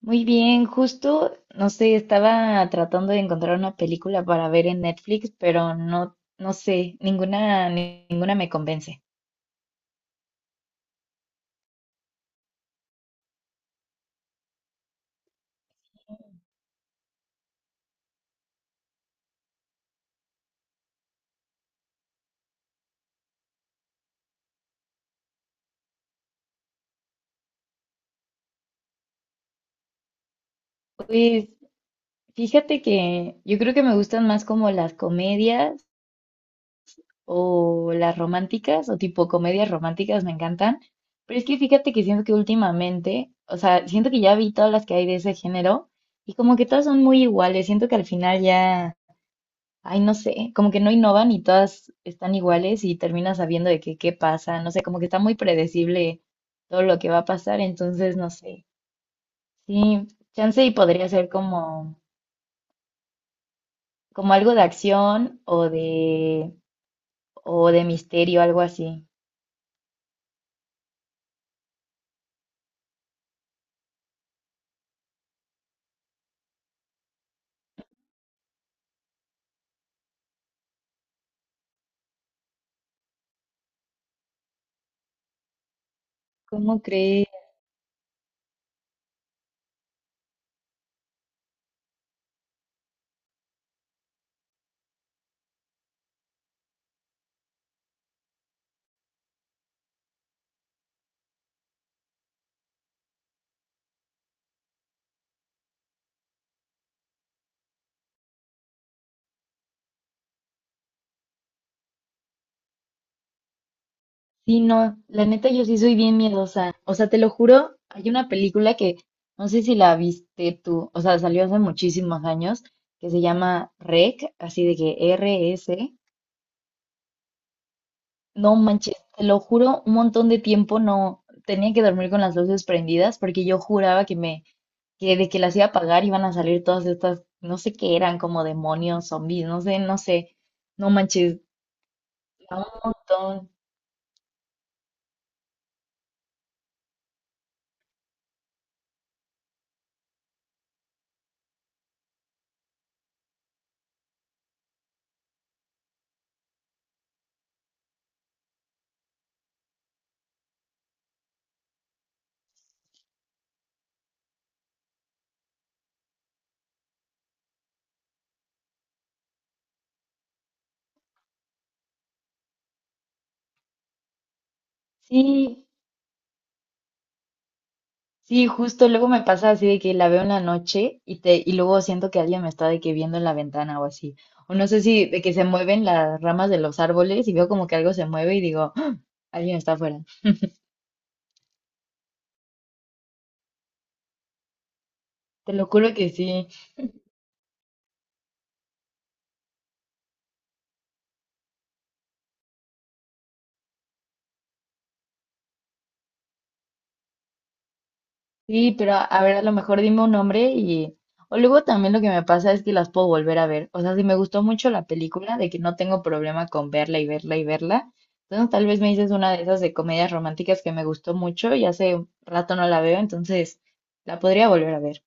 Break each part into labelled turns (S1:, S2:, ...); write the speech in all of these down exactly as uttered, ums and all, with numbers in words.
S1: Muy bien, justo, no sé, estaba tratando de encontrar una película para ver en Netflix, pero no, no sé, ninguna, ni- ninguna me convence. Pues fíjate que yo creo que me gustan más como las comedias o las románticas o tipo comedias románticas me encantan, pero es que fíjate que siento que últimamente, o sea, siento que ya vi todas las que hay de ese género y como que todas son muy iguales, siento que al final ya. Ay, no sé, como que no innovan y todas están iguales y terminas sabiendo de que qué pasa, no sé, como que está muy predecible todo lo que va a pasar, entonces no sé. Sí, chance y podría ser como, como algo de acción o de, o de misterio, algo así. ¿Cómo crees? Sí, no, la neta yo sí soy bien miedosa. O sea, te lo juro, hay una película que no sé si la viste tú, o sea, salió hace muchísimos años, que se llama R E C, así de que R S. No manches, te lo juro, un montón de tiempo no tenía que dormir con las luces prendidas porque yo juraba que me, que de que las iba a apagar iban a salir todas estas, no sé qué eran, como demonios, zombies, no sé, no sé. No manches, a un montón. Sí, sí, justo luego me pasa así de que la veo en la noche y te, y luego siento que alguien me está de que viendo en la ventana o así. O no sé si de que se mueven las ramas de los árboles y veo como que algo se mueve y digo, "Ah, alguien está afuera. Te lo juro que sí. Sí, pero a ver, a lo mejor dime un nombre y... O luego también lo que me pasa es que las puedo volver a ver. O sea, si me gustó mucho la película, de que no tengo problema con verla y verla y verla. Entonces tal vez me dices una de esas de comedias románticas que me gustó mucho y hace un rato no la veo, entonces la podría volver a ver.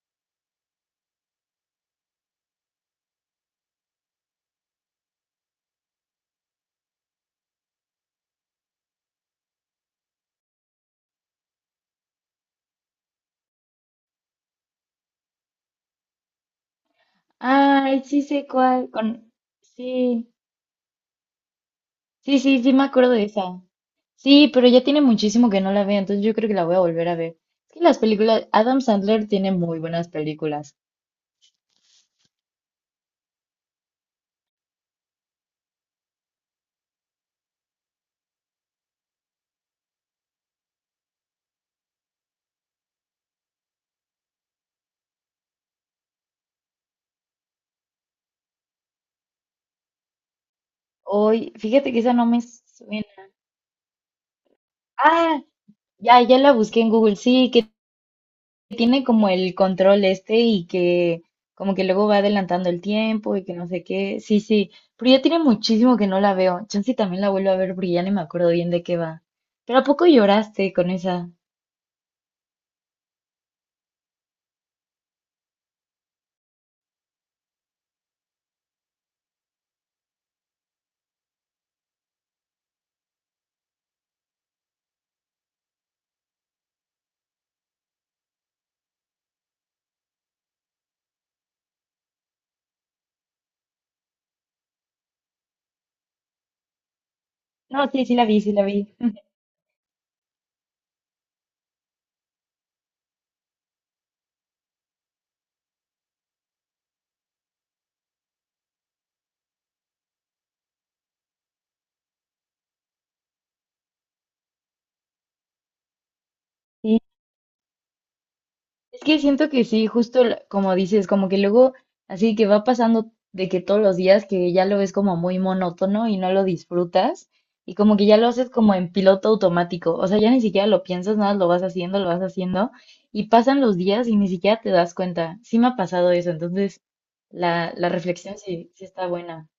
S1: Ay, sí sé cuál. Con... Sí, sí, sí, sí me acuerdo de esa. Sí, pero ya tiene muchísimo que no la veo, entonces yo creo que la voy a volver a ver. Es que las películas, Adam Sandler tiene muy buenas películas. Hoy, fíjate que esa no me suena. Ah, ya, ya la busqué en Google. Sí, que tiene como el control este y que como que luego va adelantando el tiempo y que no sé qué. Sí, sí. Pero ya tiene muchísimo que no la veo. Chance y también la vuelvo a ver, pero ya ni me acuerdo bien de qué va. ¿Pero a poco lloraste con esa? No, sí, sí la vi, sí la vi. Sí, es que siento que sí, justo l- como dices, como que luego así que va pasando de que todos los días que ya lo ves como muy monótono y no lo disfrutas y como que ya lo haces como en piloto automático, o sea, ya ni siquiera lo piensas, nada, lo vas haciendo, lo vas haciendo y pasan los días y ni siquiera te das cuenta. Sí me ha pasado eso, entonces la, la reflexión sí, sí está buena.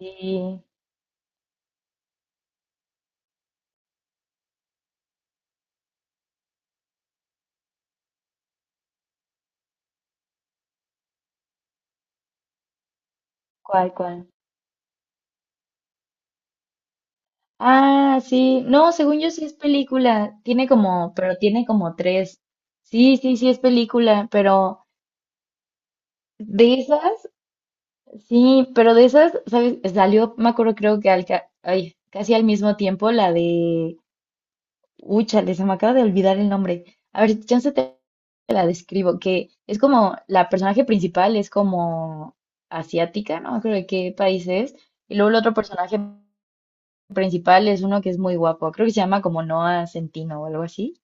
S1: Sí, ¿cuál, cuál? Ah, sí, no, según yo sí es película, tiene como, pero tiene como tres. Sí, sí, sí es película, pero... De esas, sí, pero de esas, ¿sabes? Salió, me acuerdo, creo que al, ca- ay, casi al mismo tiempo la de. Úchale, se me acaba de olvidar el nombre. A ver, si chance te te la describo, que es como la personaje principal es como asiática, no me acuerdo de qué país es, y luego el otro personaje principal es uno que es muy guapo, creo que se llama como Noah Centino o algo así.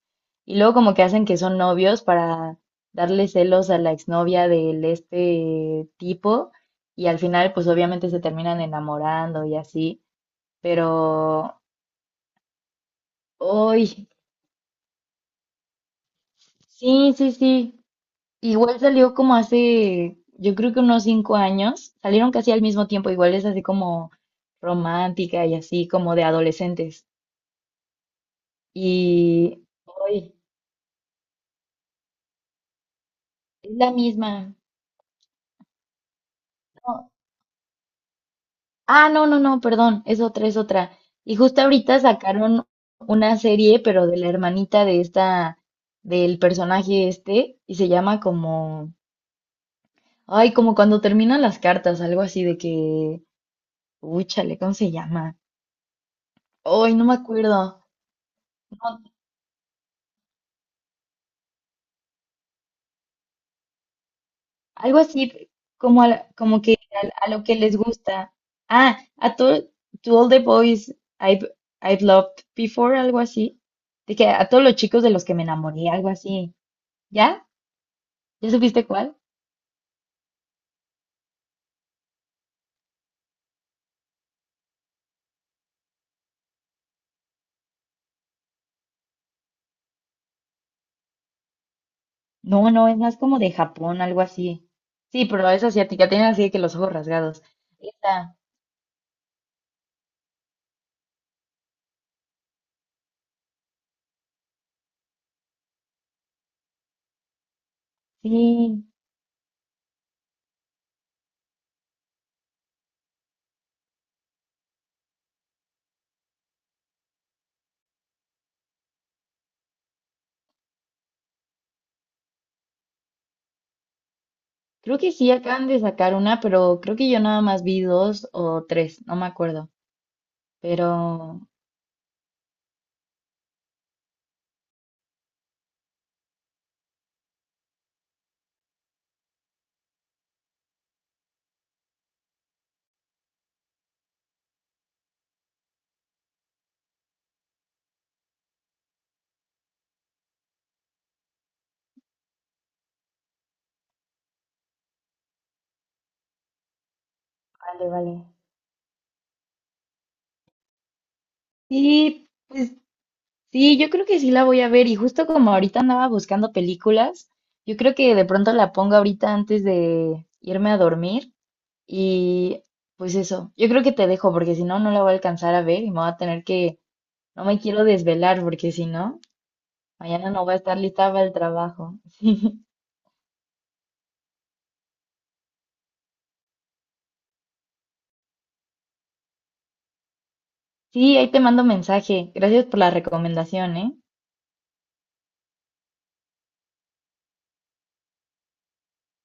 S1: Y luego como que hacen que son novios para darle celos a la exnovia del este tipo y al final pues obviamente se terminan enamorando y así, pero hoy sí, sí, sí. Igual salió como hace, yo creo que unos cinco años, salieron casi al mismo tiempo, igual es así como romántica y así como de adolescentes. Y hoy es la misma. No, ah, no, no, no, perdón, es otra, es otra. Y justo ahorita sacaron una serie, pero de la hermanita de esta, del personaje este, y se llama como, ay, como cuando terminan las cartas, algo así de que, uy, chale, ¿cómo se llama? Ay, no me acuerdo. No, algo así, como, a la- como que a, a lo que les gusta. Ah, a to, to all the boys I've, I've loved before, algo así. De que a todos los chicos de los que me enamoré, algo así. ¿Ya? ¿Ya supiste cuál? No, no, es más como de Japón, algo así. Sí, pero es asiática, tienen así de que los ojos rasgados. Esta, sí, creo que sí acaban de sacar una, pero creo que yo nada más vi dos o tres, no me acuerdo. Pero vale, vale. Sí, pues sí, yo creo que sí la voy a ver. Y justo como ahorita andaba buscando películas, yo creo que de pronto la pongo ahorita antes de irme a dormir. Y pues eso, yo creo que te dejo porque si no, no la voy a alcanzar a ver y me voy a tener que. No me quiero desvelar porque si no, mañana no voy a estar lista para el trabajo. Sí, ahí te mando mensaje. Gracias por la recomendación, ¿eh?